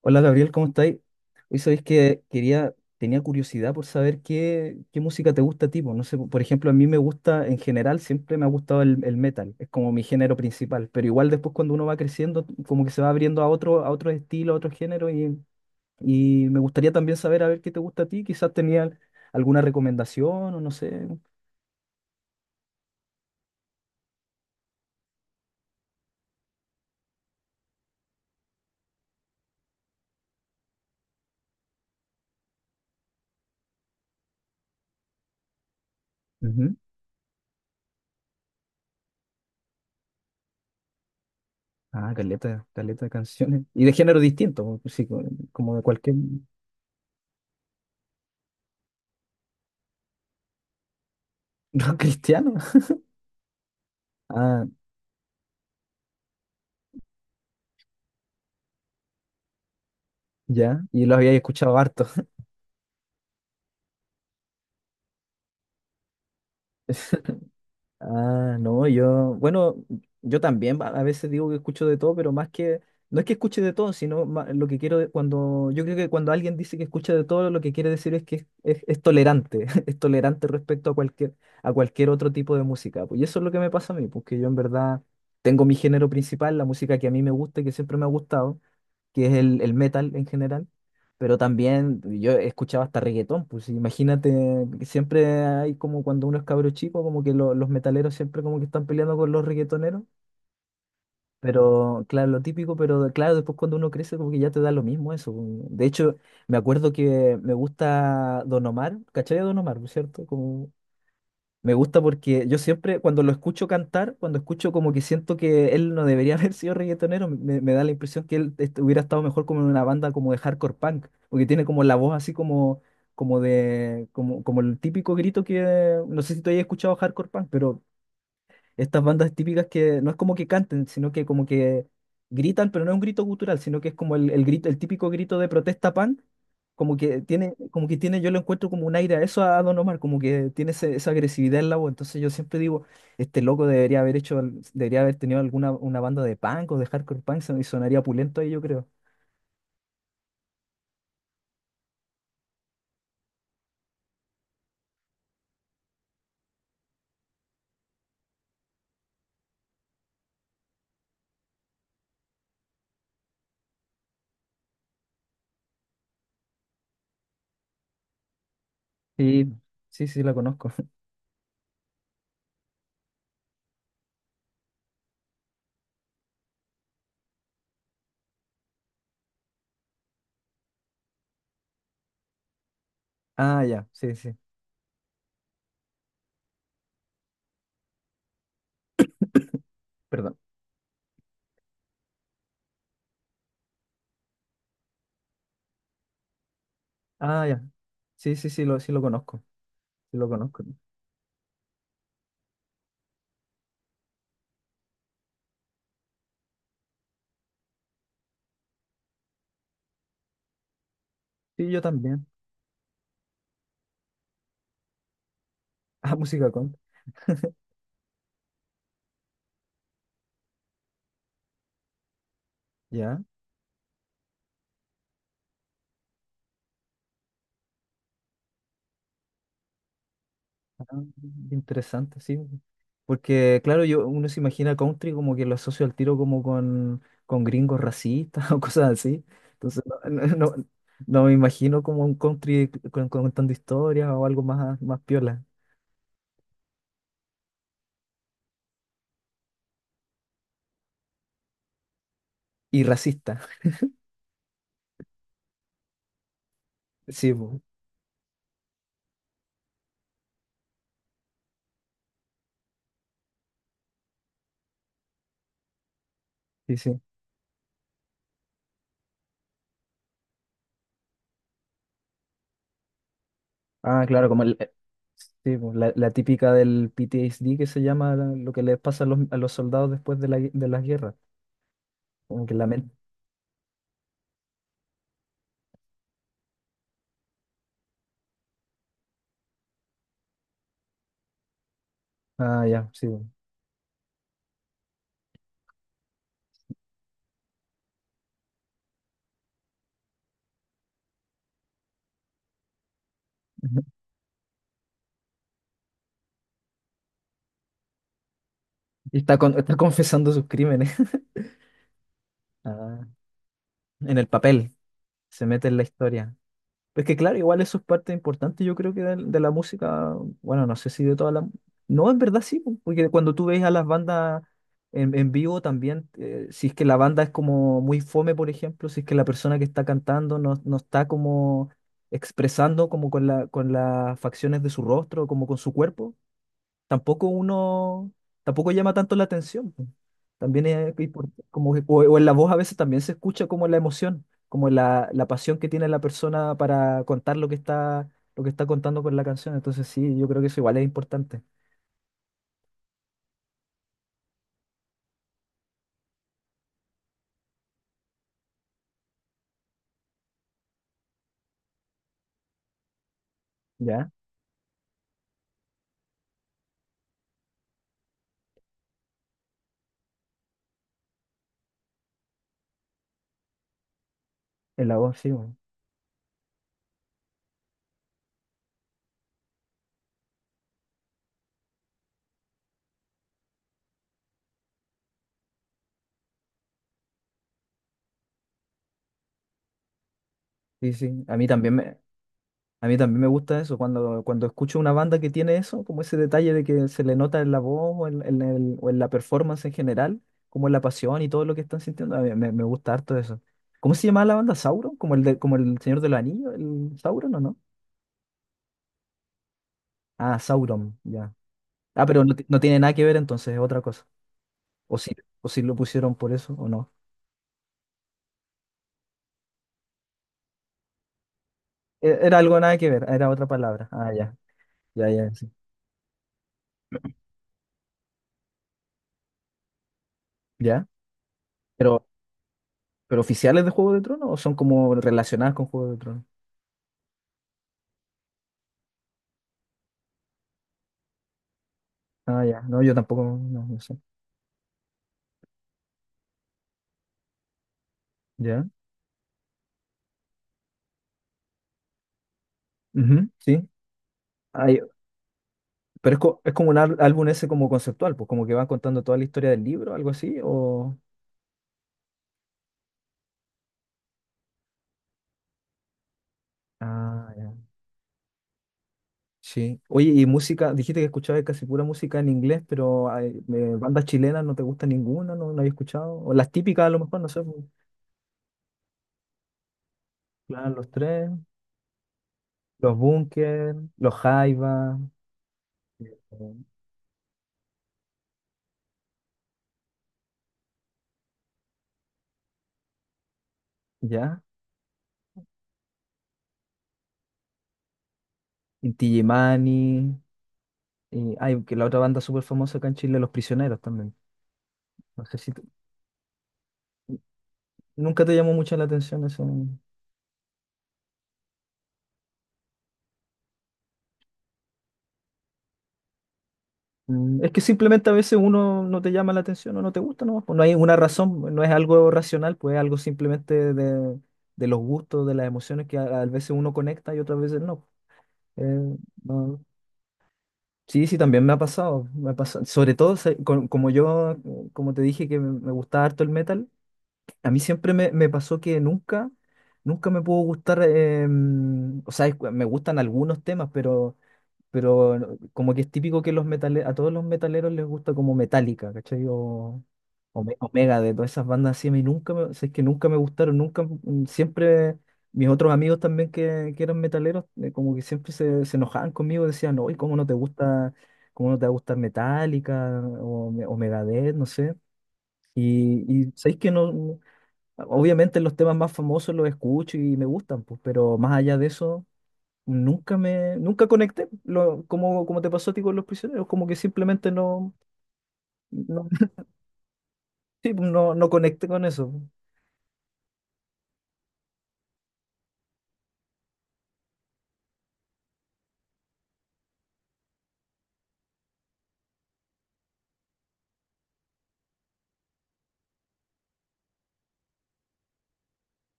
Hola Gabriel, ¿cómo estáis? Hoy sabéis que tenía curiosidad por saber qué música te gusta a ti. Po, no sé, por ejemplo, a mí me gusta, en general, siempre me ha gustado el metal, es como mi género principal, pero igual después cuando uno va creciendo, como que se va abriendo a otro estilo, a otro género, y me gustaría también saber a ver qué te gusta a ti. Quizás tenía alguna recomendación o no sé. Ujú. Ah, caleta, caleta de canciones. Y de género distinto, sí, como de cualquier rock cristiano. Ah, ya, y lo había escuchado harto. Ah, no, yo, bueno, yo también a veces digo que escucho de todo, pero más no es que escuche de todo, sino ma- lo que quiero, de- cuando, yo creo que cuando alguien dice que escucha de todo, lo que quiere decir es es tolerante, es tolerante respecto a a cualquier otro tipo de música, pues, y eso es lo que me pasa a mí, porque yo en verdad tengo mi género principal, la música que a mí me gusta y que siempre me ha gustado, que es el metal en general, pero también yo escuchaba hasta reggaetón, pues imagínate, siempre hay como cuando uno es cabro chico, como que los metaleros siempre como que están peleando con los reggaetoneros, pero claro, lo típico, pero claro, después cuando uno crece como que ya te da lo mismo eso, pues. De hecho, me acuerdo que me gusta Don Omar, ¿cachai a Don Omar, por cierto? Como me gusta porque yo siempre, cuando lo escucho cantar, cuando escucho, como que siento que él no debería haber sido reggaetonero, me da la impresión que hubiera estado mejor como en una banda como de hardcore punk, porque tiene como la voz así como el típico grito que, no sé si tú hayas escuchado hardcore punk, pero estas bandas típicas que no es como que canten, sino que como que gritan, pero no es un grito gutural, sino que es como el grito, el típico grito de protesta punk, como que tiene, yo lo encuentro como un aire a eso a Don Omar, como que tiene esa agresividad en la voz. Entonces yo siempre digo, este loco debería haber hecho, debería haber tenido alguna una banda de punk o de hardcore punk y sonaría pulento ahí, yo creo. Sí, sí, sí, la conozco. Ah, ya, sí, sí, perdón. Ah, ya. Sí, sí, sí lo conozco. Sí lo conozco. Sí, yo también. Ah, música con. Ya. Ah, interesante, sí. Porque, claro, yo, uno se imagina country como que lo asocio al tiro como con gringos racistas o cosas así. Entonces, no me imagino como un country contando historias o algo más, más piola. Y racista. Sí, po, sí, sí. Ah, claro, sí, po, la típica del PTSD, que se llama lo que les pasa a a los soldados después de de las guerras. Como que la mente. Ah, ya, sí, po. Y está, está confesando sus crímenes. Ah, en el papel, se mete en la historia. Es que claro, igual eso es parte importante, yo creo que la música, bueno, no sé si de toda la... No, en verdad sí, po, porque cuando tú ves a las bandas en vivo también, si es que la banda es como muy fome, por ejemplo, si es que la persona que está cantando no, no está como expresando como con con las facciones de su rostro, como con su cuerpo, tampoco uno, tampoco llama tanto la atención, po. También es o en la voz a veces también se escucha como la emoción, como la pasión que tiene la persona para contar lo que está contando con la canción. Entonces sí, yo creo que eso igual es importante, ¿ya? En la voz, sí, bueno. Sí, sí. A mí también. A mí también me gusta eso, cuando escucho una banda que tiene eso, como ese detalle de que se le nota en la voz o en la performance en general, como en la pasión y todo lo que están sintiendo, a mí me gusta harto eso. ¿Cómo se llamaba la banda? ¿Sauron? ¿Como como el Señor de los Anillos? ¿El Sauron o no? Ah, Sauron, ya. Ah, pero no, no tiene nada que ver entonces, es otra cosa. O si, o si lo pusieron por eso o no. Era algo nada que ver, era otra palabra. Ah, ya, ya, ya, sí. ¿Ya? Pero, ¿Pero oficiales de Juego de Tronos o son como relacionadas con Juego de Tronos? Ah, ya. No, yo tampoco, no, no sé. ¿Ya? Ujú, sí. Ay, pero es, álbum ese como conceptual, pues como que van contando toda la historia del libro, algo así, o... Ah, ya. Sí. Oye, y música, dijiste que escuchabas casi pura música en inglés, pero ay, bandas chilenas no te gusta ninguna, no, no había escuchado. O las típicas a lo mejor, no sé, pues. Claro, los tres, los Bunker, los Jaiba, eh, ¿ya? Inti Illimani, y hay que la otra banda súper famosa acá en Chile, Los Prisioneros también. No sé si, nunca te llamó mucho la atención eso. Mm, es que simplemente a veces uno no te llama la atención o no te gusta, ¿no? Pues no hay una razón, no es algo racional, pues es algo simplemente de los gustos, de las emociones que a veces uno conecta y otras veces no. Eh, no. Sí, sí, también me ha pasado, me ha pasado. Sobre todo, como yo, como te dije que me gustaba harto el metal, a mí siempre me pasó que nunca, nunca me pudo gustar, mm, me gustan algunos temas, pero como que es típico que a todos los metaleros les gusta como Metallica, ¿cachai? O, o Megadeth, de todas esas bandas así, a mí nunca me, si es que nunca me gustaron, nunca, mm, siempre mis otros amigos también que eran metaleros, como que siempre se enojaban conmigo, decían, no, ¿y cómo no te gusta, cómo no te va a gustar Metallica o Megadeth, no sé? Y, y sabéis que obviamente los temas más famosos los escucho y me gustan, pues, pero más allá de eso nunca me, nunca conecté, como te pasó a ti con los prisioneros, como que simplemente no, no, sí, no, no conecté con eso.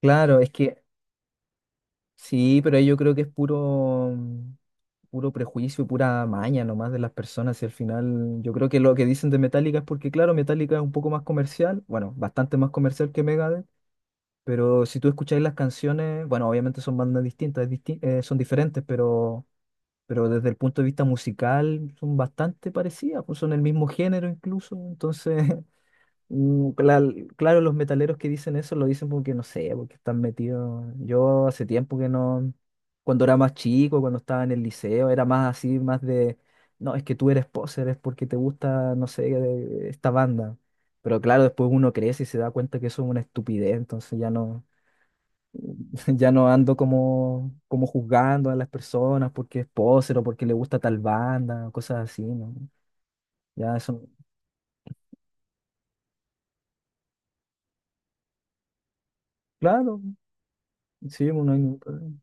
Claro, es que sí, pero ahí yo creo que es puro, puro prejuicio y pura maña nomás de las personas. Y al final, yo creo que lo que dicen de Metallica es porque, claro, Metallica es un poco más comercial, bueno, bastante más comercial que Megadeth, pero si tú escucháis las canciones, bueno, obviamente son bandas distintas, es son diferentes, pero desde el punto de vista musical son bastante parecidas, pues son el mismo género incluso, entonces, mm, claro, los metaleros que dicen eso lo dicen porque no sé, porque están metidos. Yo hace tiempo que no, cuando era más chico, cuando estaba en el liceo, era más así, más de, no, es que tú eres poser, es porque te gusta, no sé, esta banda. Pero claro, después uno crece y se da cuenta que eso es una estupidez, entonces ya no. Ya no ando como juzgando a las personas porque es poser o porque le gusta tal banda, cosas así, ¿no? Ya eso. Claro, sí, no hay ningún problema.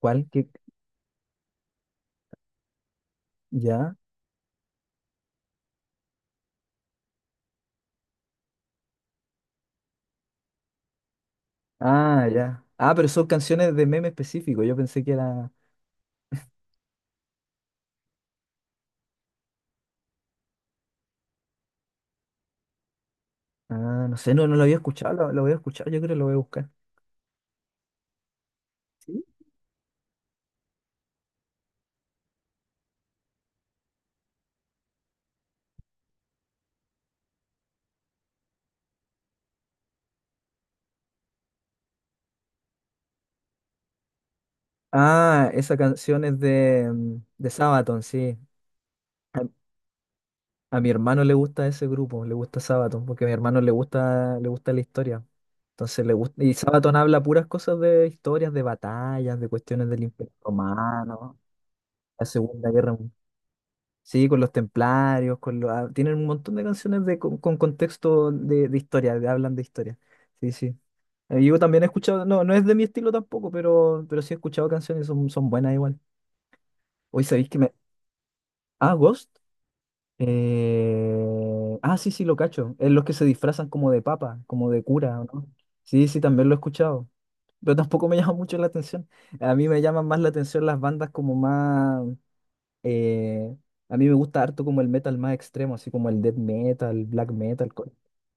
¿Cuál? ¿Qué? ¿Ya? Ah, ya. Ah, pero son canciones de meme específico. Yo pensé que era. Ah, no sé, no, no lo había escuchado, lo voy a escuchar, yo creo que lo voy a buscar. ¿Sí? Ah, esa canción es de, mm, de Sabaton, sí. A, a mi hermano le gusta ese grupo, le gusta Sabaton, porque a mi hermano le gusta la historia. Entonces le gusta. Y Sabaton habla puras cosas de historias, de batallas, de cuestiones del Imperio Romano, la Segunda Guerra Mundial. Sí, con los templarios, con los... ah, tienen un montón de canciones con contexto de historia, de, hablan de historia. Sí, sí. Yo también he escuchado, no, no es de mi estilo tampoco, pero sí he escuchado canciones y son, son buenas igual. Hoy sabéis que me. Ah, Ghost. Ah, sí, sí, lo cacho. Es los que se disfrazan como de papa, como de cura, ¿o ¿no? Sí, sí, también lo he escuchado. Pero tampoco me llama mucho la atención. A mí me llaman más la atención las bandas como más. Eh, a mí me gusta harto como el metal más extremo, así como el death metal, black metal,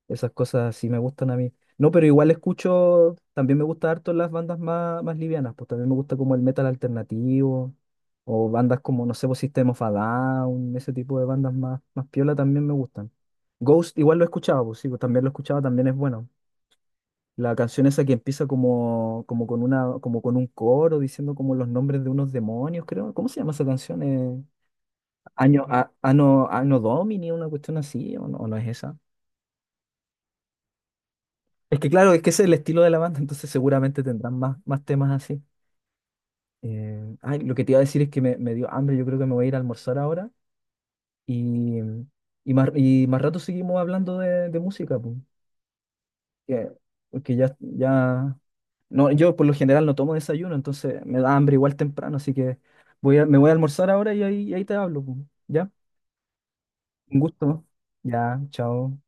esas cosas sí me gustan a mí. No, pero igual escucho, también me gusta harto las bandas más, más livianas, pues también me gusta como el metal alternativo, o bandas como, no sé, pues System of a Down, ese tipo de bandas más, más piola también me gustan. Ghost igual lo escuchaba, pues sí, pues también lo escuchaba, también es bueno. La canción esa que empieza como, como con una, como con un coro diciendo como los nombres de unos demonios, creo. ¿Cómo se llama esa canción? Ano Domini, una cuestión así, o no es esa. Es que claro, es que ese es el estilo de la banda, entonces seguramente tendrán más, más temas así. Ay, lo que te iba a decir es que me dio hambre, yo creo que me voy a ir a almorzar ahora y, más, y más rato seguimos hablando de música, pues, que- porque ya, ya, no, yo por lo general no tomo desayuno, entonces me da hambre igual temprano, así que me voy a almorzar ahora y ahí te hablo, pues, ¿ya? Un gusto, ya, chao.